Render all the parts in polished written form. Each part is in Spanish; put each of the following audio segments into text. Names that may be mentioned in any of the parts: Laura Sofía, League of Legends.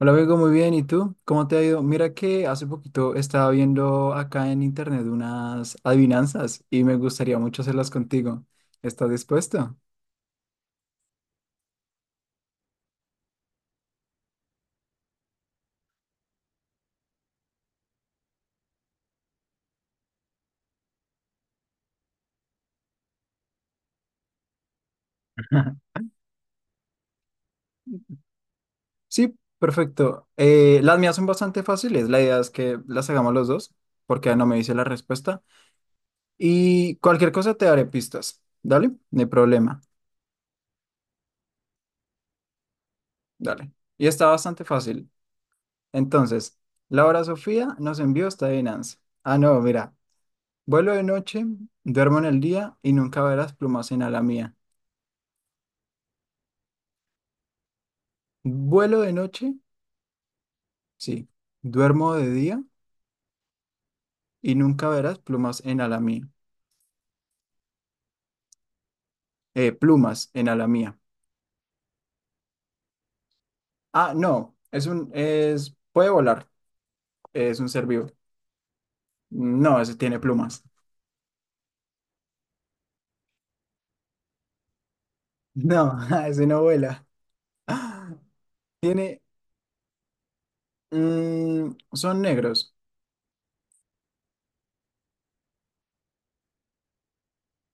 Hola, Bego, muy bien. ¿Y tú? ¿Cómo te ha ido? Mira que hace poquito estaba viendo acá en internet unas adivinanzas y me gustaría mucho hacerlas contigo. ¿Estás dispuesto? Sí, perfecto. Las mías son bastante fáciles. La idea es que las hagamos los dos, porque no me dice la respuesta. Y cualquier cosa te daré pistas. Dale, no hay problema. Dale. Y está bastante fácil. Entonces, Laura Sofía nos envió esta adivinanza. Ah, no, mira. Vuelo de noche, duermo en el día y nunca verás plumas en ala mía. Vuelo de noche, sí, duermo de día y nunca verás plumas en ala mía. Plumas en ala mía. Ah, no, puede volar, es un ser vivo. No, ese tiene plumas. No, ese no vuela. Tiene, son negros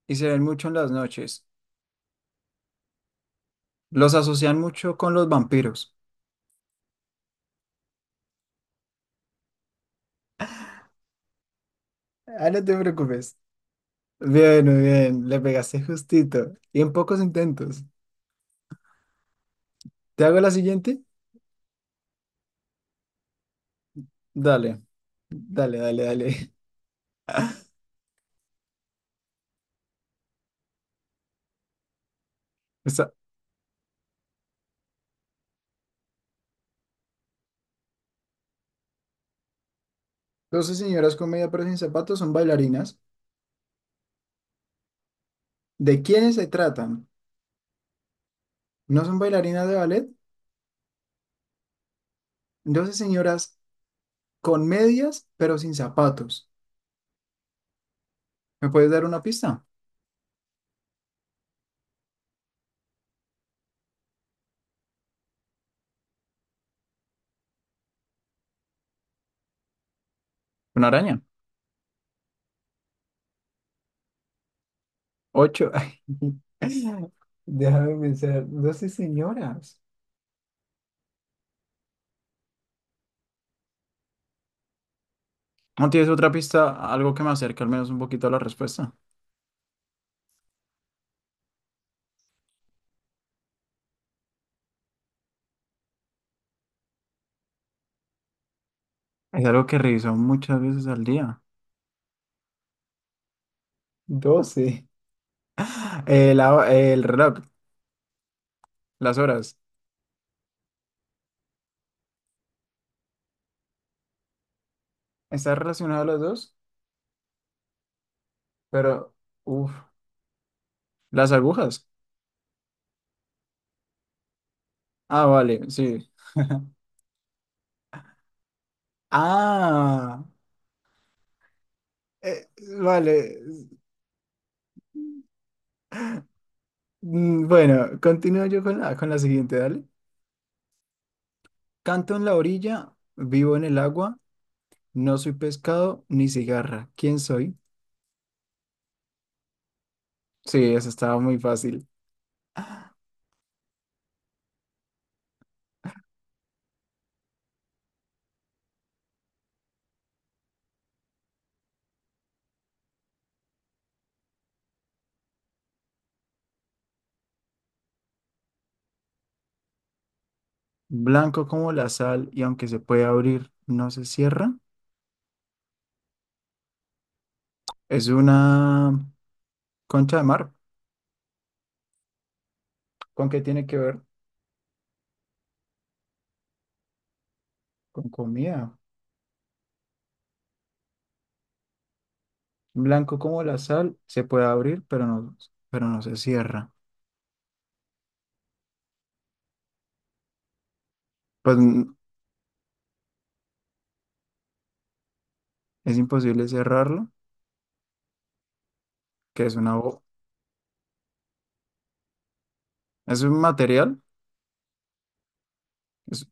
y se ven mucho en las noches. Los asocian mucho con los vampiros. Ah, no te preocupes. Bien, muy bien, le pegaste justito y en pocos intentos. ¿Te hago la siguiente? Dale, dale, dale, dale. Está. 12 señoras con media pero sin zapatos son bailarinas. ¿De quiénes se tratan? ¿No son bailarinas de ballet? 12 señoras con medias pero sin zapatos. ¿Me puedes dar una pista? Una araña. Ocho. Ay, déjame pensar. 12 señoras. ¿No tienes otra pista? Algo que me acerque al menos un poquito a la respuesta. Es algo que reviso muchas veces al día. Doce. El reloj, las horas. Está relacionado a los dos, pero, uff, las agujas. Ah, vale, sí. Ah, eh, vale. Bueno, continúo yo con la siguiente, dale. Canto en la orilla, vivo en el agua, no soy pescado ni cigarra. ¿Quién soy? Sí, eso estaba muy fácil. Blanco como la sal y aunque se puede abrir, no se cierra. Es una concha de mar. ¿Con qué tiene que ver? Con comida. Blanco como la sal, se puede abrir, pero no se cierra. Pues, es imposible cerrarlo, que es una bo- es un material. Es-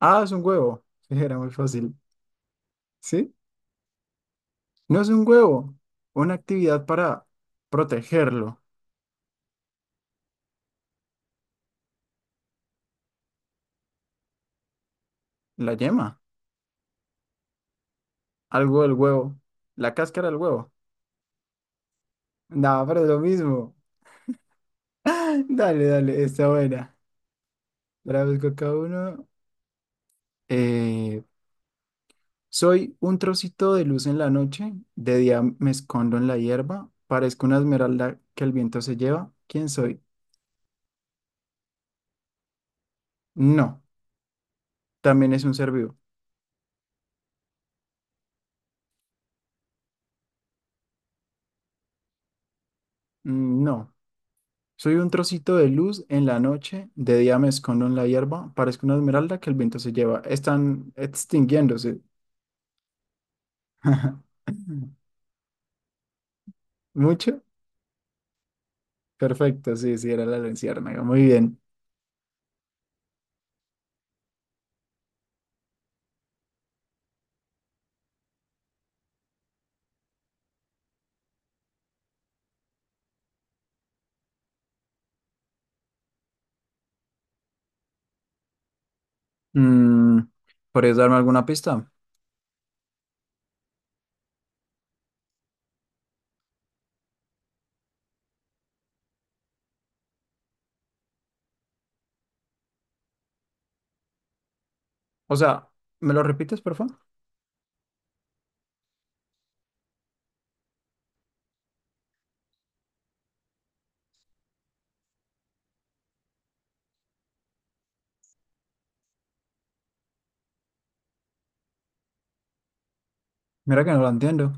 ah, es un huevo. Sí, era muy fácil. ¿Sí? No es un huevo. Una actividad para protegerlo. La yema. Algo del huevo. La cáscara del huevo. No, pero es lo mismo. Dale, dale, está buena. Ahora busco cada uno. eh, Soy un trocito de luz en la noche, de día me escondo en la hierba, parezco una esmeralda que el viento se lleva. ¿Quién soy? No, también es un ser vivo. No, soy un trocito de luz en la noche, de día me escondo en la hierba, parezco una esmeralda que el viento se lleva. Están extinguiéndose. ¿Mucho? Perfecto, sí, sí, era la luciérnaga. Muy bien. Mm, ¿Podrías darme alguna pista? O sea, ¿me lo repites, por favor? Mira que no lo entiendo.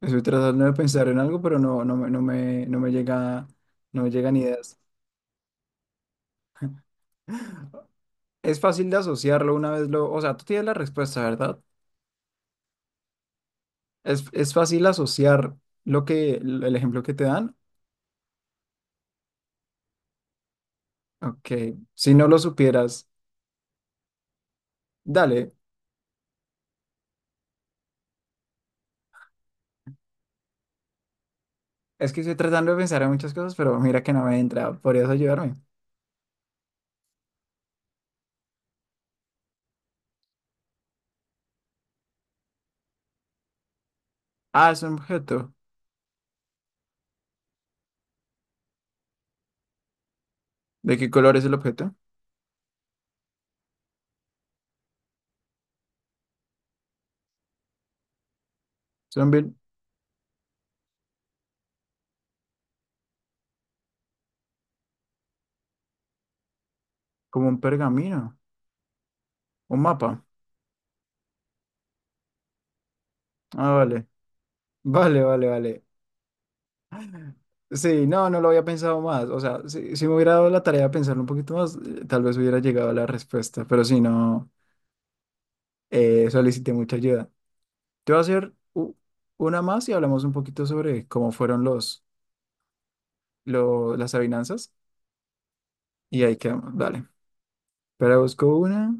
Estoy tratando de pensar en algo, pero no me llega, no me llegan ideas. Es fácil de asociarlo una vez lo, o sea, tú tienes la respuesta, ¿verdad? Es fácil asociar lo que, el ejemplo que te dan. Ok, si no lo supieras, dale. Es que estoy tratando de pensar en muchas cosas, pero mira que no me entra. ¿Podrías ayudarme? Ah, es un objeto. ¿De qué color es el objeto? Son bien- como un pergamino, un mapa. Ah, vale. Vale, vale, vale. Sí, no, no lo había pensado más. O sea, si me hubiera dado la tarea de pensarlo un poquito más, tal vez hubiera llegado a la respuesta. Pero si no, solicité mucha ayuda. Te voy a hacer una más y hablamos un poquito sobre cómo fueron las avinanzas. Y ahí quedamos. Dale. Pero busco una.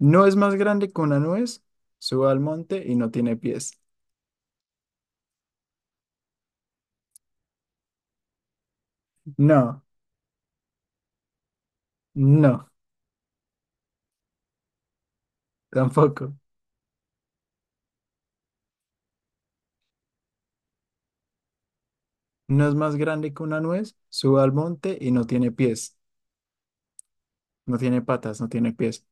No es más grande que una nuez. Sube al monte y no tiene pies. No, no, tampoco. No es más grande que una nuez. Sube al monte y no tiene pies. No tiene patas, no tiene pies.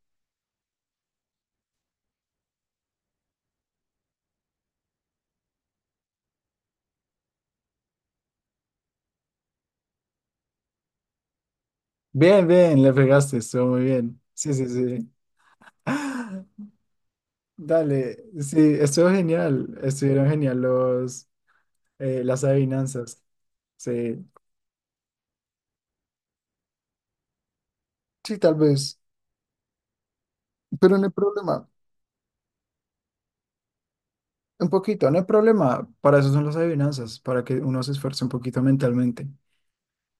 Bien, bien, le pegaste, estuvo muy bien. Sí, sí, sí. Dale, sí, estuvo genial. Estuvieron genial las adivinanzas. Sí. Sí, tal vez, pero no hay problema. Un poquito, no hay problema. Para eso son las adivinanzas, para que uno se esfuerce un poquito mentalmente.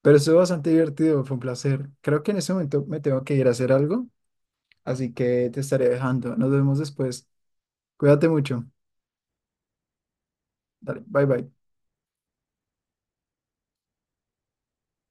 Pero estuvo bastante divertido, fue un placer. Creo que en este momento me tengo que ir a hacer algo, así que te estaré dejando. Nos vemos después. Cuídate mucho. Dale, bye bye.